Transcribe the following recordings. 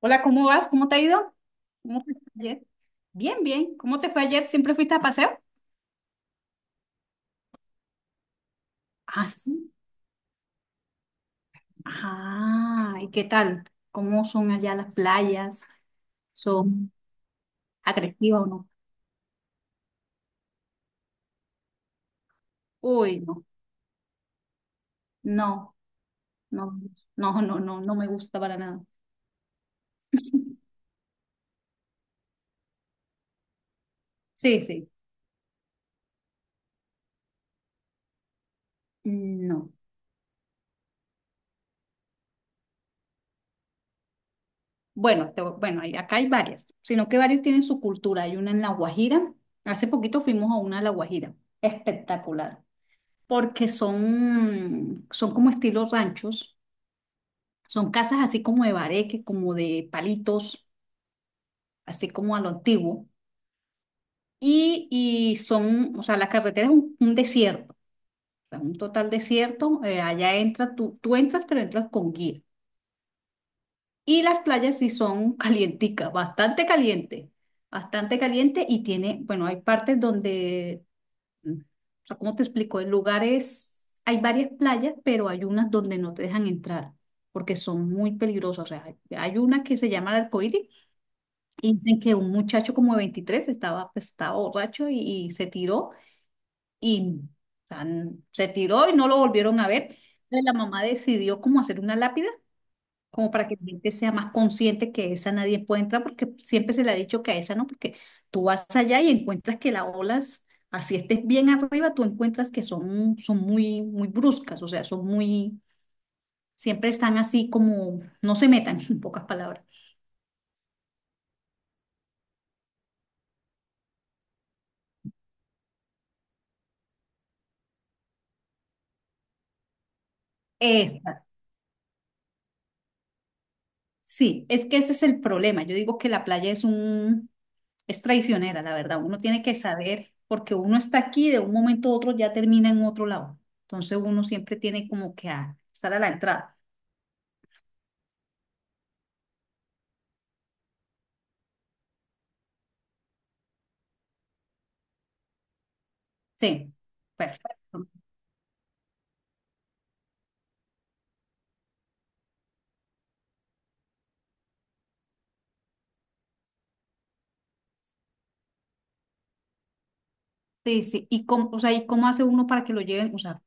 Hola, ¿cómo vas? ¿Cómo te ha ido? ¿Cómo te fue ayer? Bien, bien. ¿Cómo te fue ayer? ¿Siempre fuiste a paseo? Ah, sí. Ajá. ¿Y qué tal? ¿Cómo son allá las playas? ¿Son agresivas o no? Uy, no. No, no, no, no, no, no me gusta para nada. Sí, sí. No. Bueno, bueno, acá hay varias, sino que varios tienen su cultura. Hay una en La Guajira. Hace poquito fuimos a una a La Guajira. Espectacular. Porque son como estilo ranchos. Son casas así como de bareque, como de palitos, así como a lo antiguo. Y son, o sea, la carretera es un desierto, o sea, un total desierto. Allá entras, tú entras, pero entras con guía. Y las playas sí son calienticas, bastante caliente, bastante caliente. Y tiene, bueno, hay partes donde, mm, o sea, ¿cómo te explico? En lugares, hay varias playas, pero hay unas donde no te dejan entrar porque son muy peligrosas. O sea, hay una que se llama el Arcoíris. Y dicen que un muchacho como de 23 estaba, pues, estaba borracho y se tiró y, o sea, se tiró y no lo volvieron a ver. Entonces la mamá decidió como hacer una lápida, como para que la gente sea más consciente que esa nadie puede entrar, porque siempre se le ha dicho que a esa no, porque tú vas allá y encuentras que las olas, así estés bien arriba, tú encuentras que son muy, muy bruscas, o sea, son muy, siempre están así como, no se metan, en pocas palabras. Sí, es que ese es el problema. Yo digo que la playa es un, es traicionera, la verdad. Uno tiene que saber, porque uno está aquí, de un momento a otro ya termina en otro lado. Entonces uno siempre tiene como que estar a la entrada. Sí, perfecto. Sí, sí. ¿Y cómo hace uno para que lo lleven, o sea,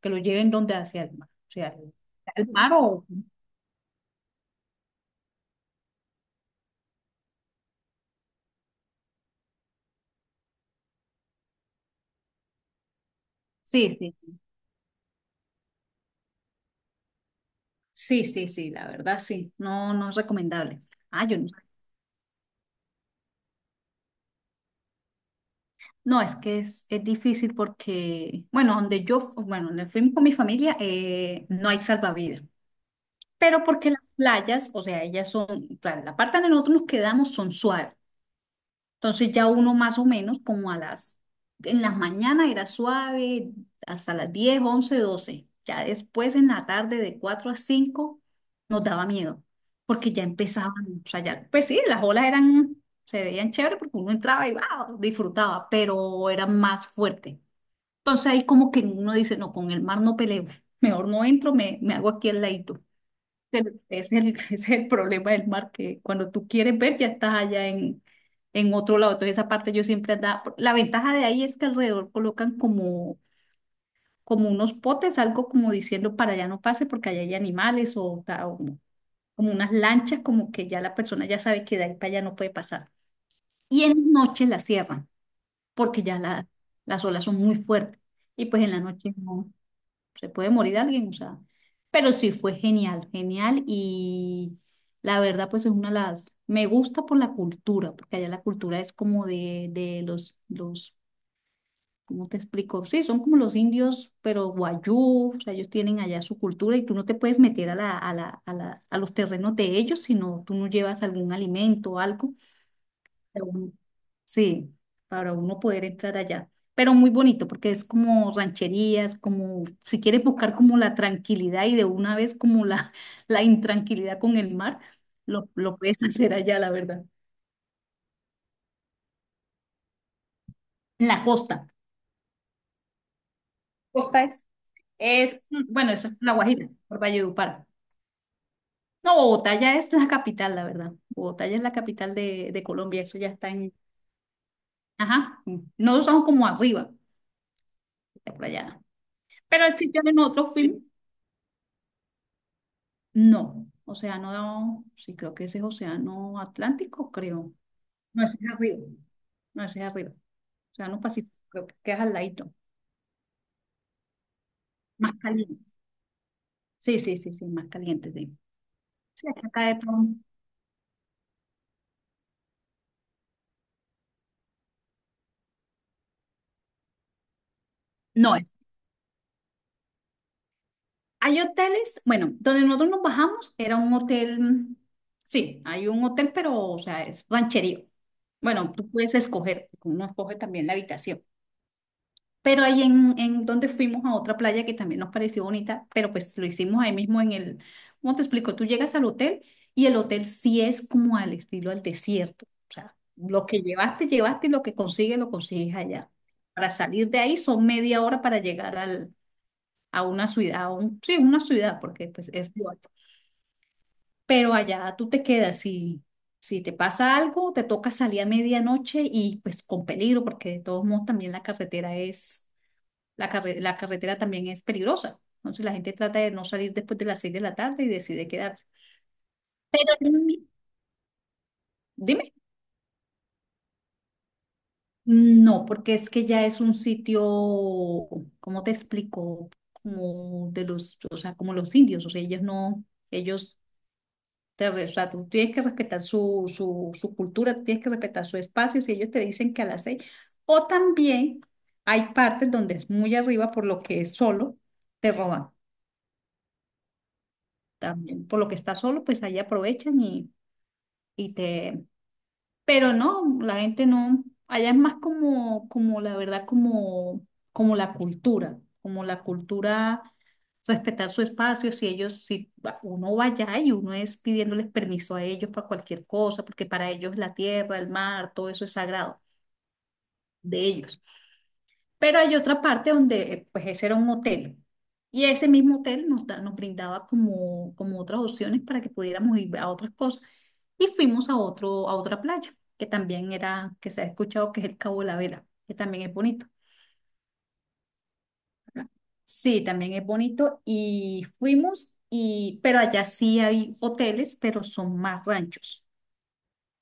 que lo lleven donde hacia el mar? O sea, ¿al mar o... Sí, sí. Sí, sí, sí, la verdad sí. No, no es recomendable. Ah, yo no. No, es que es difícil porque, bueno, bueno, donde fui con mi familia, no hay salvavidas. Pero porque las playas, o sea, ellas son, claro, la parte donde nosotros nos quedamos son suaves. Entonces ya uno más o menos como en las mañanas era suave, hasta las 10 11 12. Ya después en la tarde de 4 a 5 nos daba miedo, porque ya empezaban, o sea, ya, pues sí, las olas eran se veían chévere porque uno entraba y wow, disfrutaba, pero era más fuerte. Entonces ahí como que uno dice, no, con el mar no peleo, mejor no entro, me hago aquí al ladito. Pero ese es el, ese es el problema del mar, que cuando tú quieres ver ya estás allá en otro lado. Entonces esa parte yo siempre andaba, la ventaja de ahí es que alrededor colocan como unos potes, algo como diciendo para allá no pase porque allá hay animales o, o como unas lanchas, como que ya la persona ya sabe que de ahí para allá no puede pasar. Y en la noche la cierran porque ya las olas son muy fuertes y pues en la noche no, se puede morir alguien, o sea, pero sí fue genial, genial y la verdad pues es una de las, me gusta por la cultura, porque allá la cultura es como de los, ¿cómo te explico? Sí, son como los indios, pero guayú, o sea, ellos tienen allá su cultura y tú no te puedes meter a los terrenos de ellos, sino tú no llevas algún alimento o algo para uno- Sí, para uno poder entrar allá. Pero muy bonito porque es como rancherías, como si quieres buscar como la tranquilidad y de una vez como la, la intranquilidad con el mar, lo puedes hacer allá, la verdad. En la costa. Costa es. Bueno, eso es La Guajira, por Valledupar. No, Bogotá ya es la capital, la verdad. Bogotá ya es la capital de Colombia, eso ya está en... Ajá, nosotros somos como arriba, por allá. Pero el sitio de nosotros fuimos. No, océano, sí, creo que ese es océano Atlántico, creo. No, ese es arriba. No, ese es arriba. Océano Pacífico, creo que es al ladito. Más caliente. Sí, sí, sí, sí, más caliente, sí. Sí, es que acá de todo. No es. Hay hoteles, bueno, donde nosotros nos bajamos era un hotel, mm, sí, hay un hotel, pero, o sea, es rancherío. Bueno, tú puedes escoger, uno escoge también la habitación. Pero ahí en donde fuimos a otra playa que también nos pareció bonita, pero pues lo hicimos ahí mismo en el, ¿cómo te explico? Tú llegas al hotel y el hotel sí es como al estilo al desierto. O sea, lo que llevaste, llevaste y lo que consigues, lo consigues allá. Para salir de ahí son media hora para llegar a una ciudad, sí, una ciudad, porque pues es igual. Pero allá tú te quedas y si te pasa algo, te toca salir a medianoche y pues con peligro, porque de todos modos también la carretera también es peligrosa. Entonces la gente trata de no salir después de las 6 de la tarde y decide quedarse. Mm, Dime. No, porque es que ya es un sitio, ¿cómo te explico? Como de los, o sea, como los indios, o sea, ellos no, ellos o sea, tú tienes que respetar su cultura, tienes que respetar su espacio, si ellos te dicen que a las 6, o también hay partes donde es muy arriba por lo que es solo, te roban también, por lo que está solo, pues ahí aprovechan y te... Pero no, la gente no, allá es más como la verdad, como la cultura, como la cultura, respetar su espacio, si ellos, si va- uno va allá y uno es pidiéndoles permiso a ellos para cualquier cosa, porque para ellos la tierra, el mar, todo eso es sagrado de ellos. Pero hay otra parte donde, pues ese era un hotel. Y ese mismo hotel nos brindaba como otras opciones para que pudiéramos ir a otras cosas. Y fuimos a otro, a otra playa, que se ha escuchado que es el Cabo de la Vela, que también es bonito. Sí, también es bonito. Pero allá sí hay hoteles, pero son más ranchos.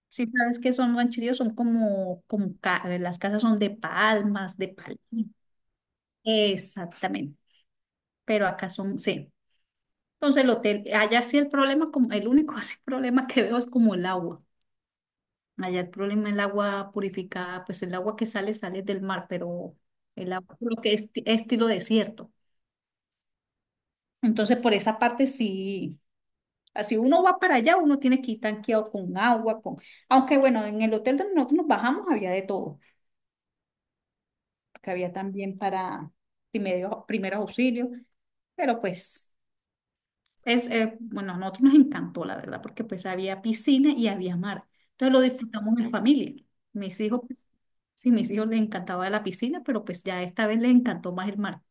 Si sabes que son rancheríos, son las casas son de palmas, de palmas. Exactamente. Pero acá son, sí. Entonces el hotel, allá sí el problema, como, el único así problema que veo es como el agua. Allá el problema es el agua purificada, pues el agua que sale, sale del mar, pero el agua creo que es estilo desierto. Entonces por esa parte sí, así uno va para allá, uno tiene que ir tanqueado con agua, con... Aunque bueno, en el hotel donde nosotros nos bajamos había de todo, porque había también para primero, primeros auxilios, pero pues... Bueno, a nosotros nos encantó, la verdad, porque pues había piscina y había mar. Entonces lo disfrutamos en familia. Mis hijos, pues, sí, mis hijos les encantaba la piscina, pero pues ya esta vez les encantó más el mar.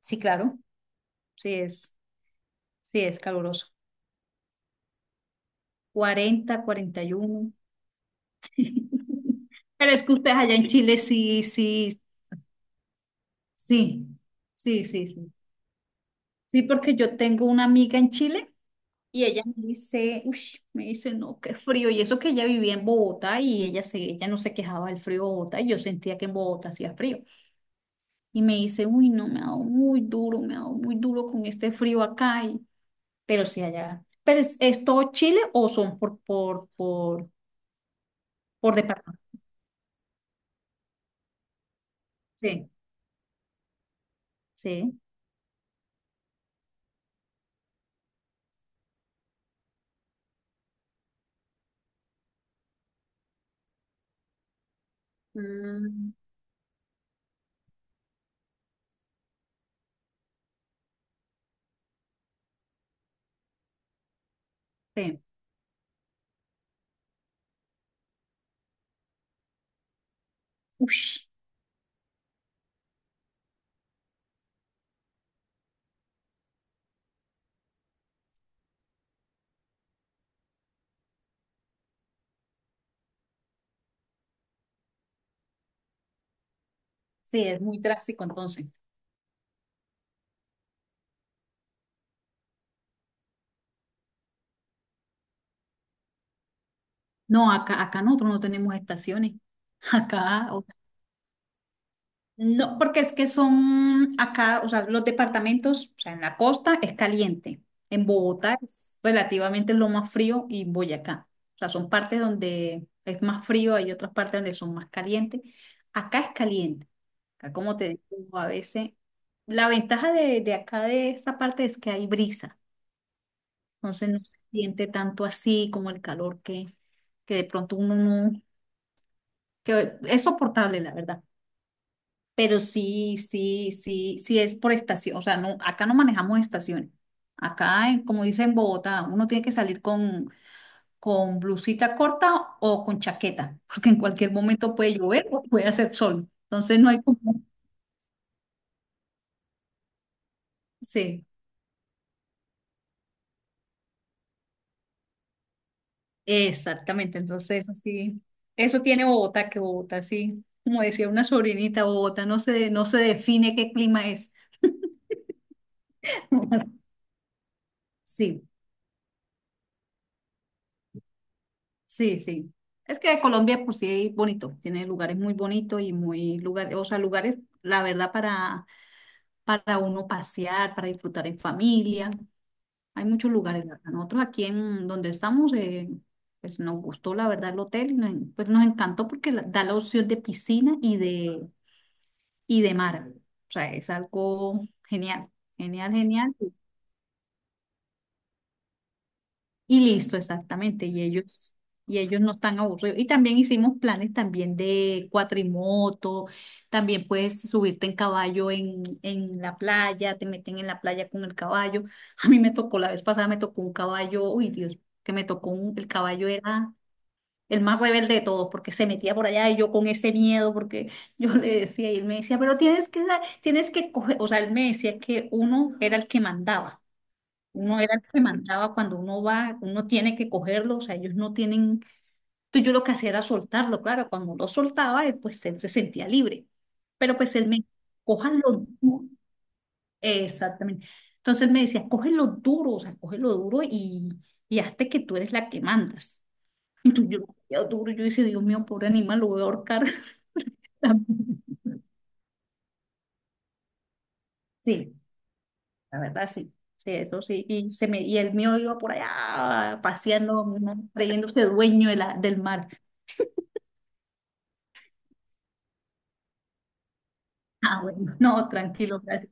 Sí, claro, sí es, sí es caluroso. 40, 41 Pero es que ustedes allá en Chile sí, sí, sí, sí, sí, sí. Sí, porque yo tengo una amiga en Chile. Y ella me dice, uy, me dice, no, qué frío. Y eso que ella vivía en Bogotá y ella no se quejaba del frío de Bogotá y yo sentía que en Bogotá hacía frío. Y me dice, uy, no, me ha dado muy duro, me ha dado muy duro con este frío acá. Pero sí, allá. ¿Pero es todo Chile o son por departamento? Sí, sí, mm, sí. Uy, sí, es muy drástico entonces. No, acá nosotros no tenemos estaciones. Acá, No, porque es que son acá, o sea, los departamentos, o sea, en la costa es caliente, en Bogotá es relativamente lo más frío y Boyacá. O sea, son partes donde es más frío, hay otras partes donde son más calientes. Acá es caliente, acá como te digo, a veces la ventaja de acá de esta parte es que hay brisa, entonces no se siente tanto así como el calor que de pronto uno no, que es soportable, la verdad. Pero sí, sí, sí, sí es por estación. O sea, no, acá no manejamos estaciones. Acá, como dice en Bogotá, uno tiene que salir con blusita corta o con chaqueta, porque en cualquier momento puede llover o puede hacer sol. Entonces no hay como... Sí, exactamente. Entonces eso sí, eso tiene Bogotá, que Bogotá sí. Como decía una sobrinita, Bogotá no se define qué clima es. Sí. Sí, sí. Es que Colombia por sí es bonito, tiene lugares muy bonitos y muy lugares, o sea, lugares, la verdad, para, uno pasear, para disfrutar en familia. Hay muchos lugares, la verdad. Nosotros aquí en donde estamos, pues nos gustó la verdad el hotel y nos encantó porque da la opción de piscina y de mar. O sea, es algo genial, genial, genial. Y listo, exactamente. Y ellos no están aburridos. Y también hicimos planes también de cuatrimoto, también puedes subirte en caballo en la playa, te meten en la playa con el caballo. A mí me tocó, la vez pasada me tocó un caballo, uy Dios, que me tocó un, el caballo era el más rebelde de todos, porque se metía por allá y yo con ese miedo, porque yo le decía, y él me decía, pero tienes que coger, o sea, él me decía que uno era el que mandaba. Uno era el que mandaba cuando uno va, uno tiene que cogerlo, o sea, ellos no tienen, entonces yo lo que hacía era soltarlo, claro, cuando lo soltaba, él se sentía libre, pero pues él me, cójanlo duro, exactamente, entonces él me decía, cógelo duro, o sea, cógelo duro y hazte que tú eres la que mandas, entonces yo lo cogía duro, yo decía, Dios mío, pobre animal, lo voy a ahorcar, sí, la verdad sí, sí, eso sí, y el mío iba por allá paseando, ¿no? Creyéndose dueño de la, del mar. Ah, bueno, no, tranquilo, gracias.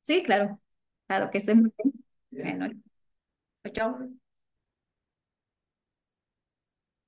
Sí, claro, claro que estés muy bien. Bueno, chao.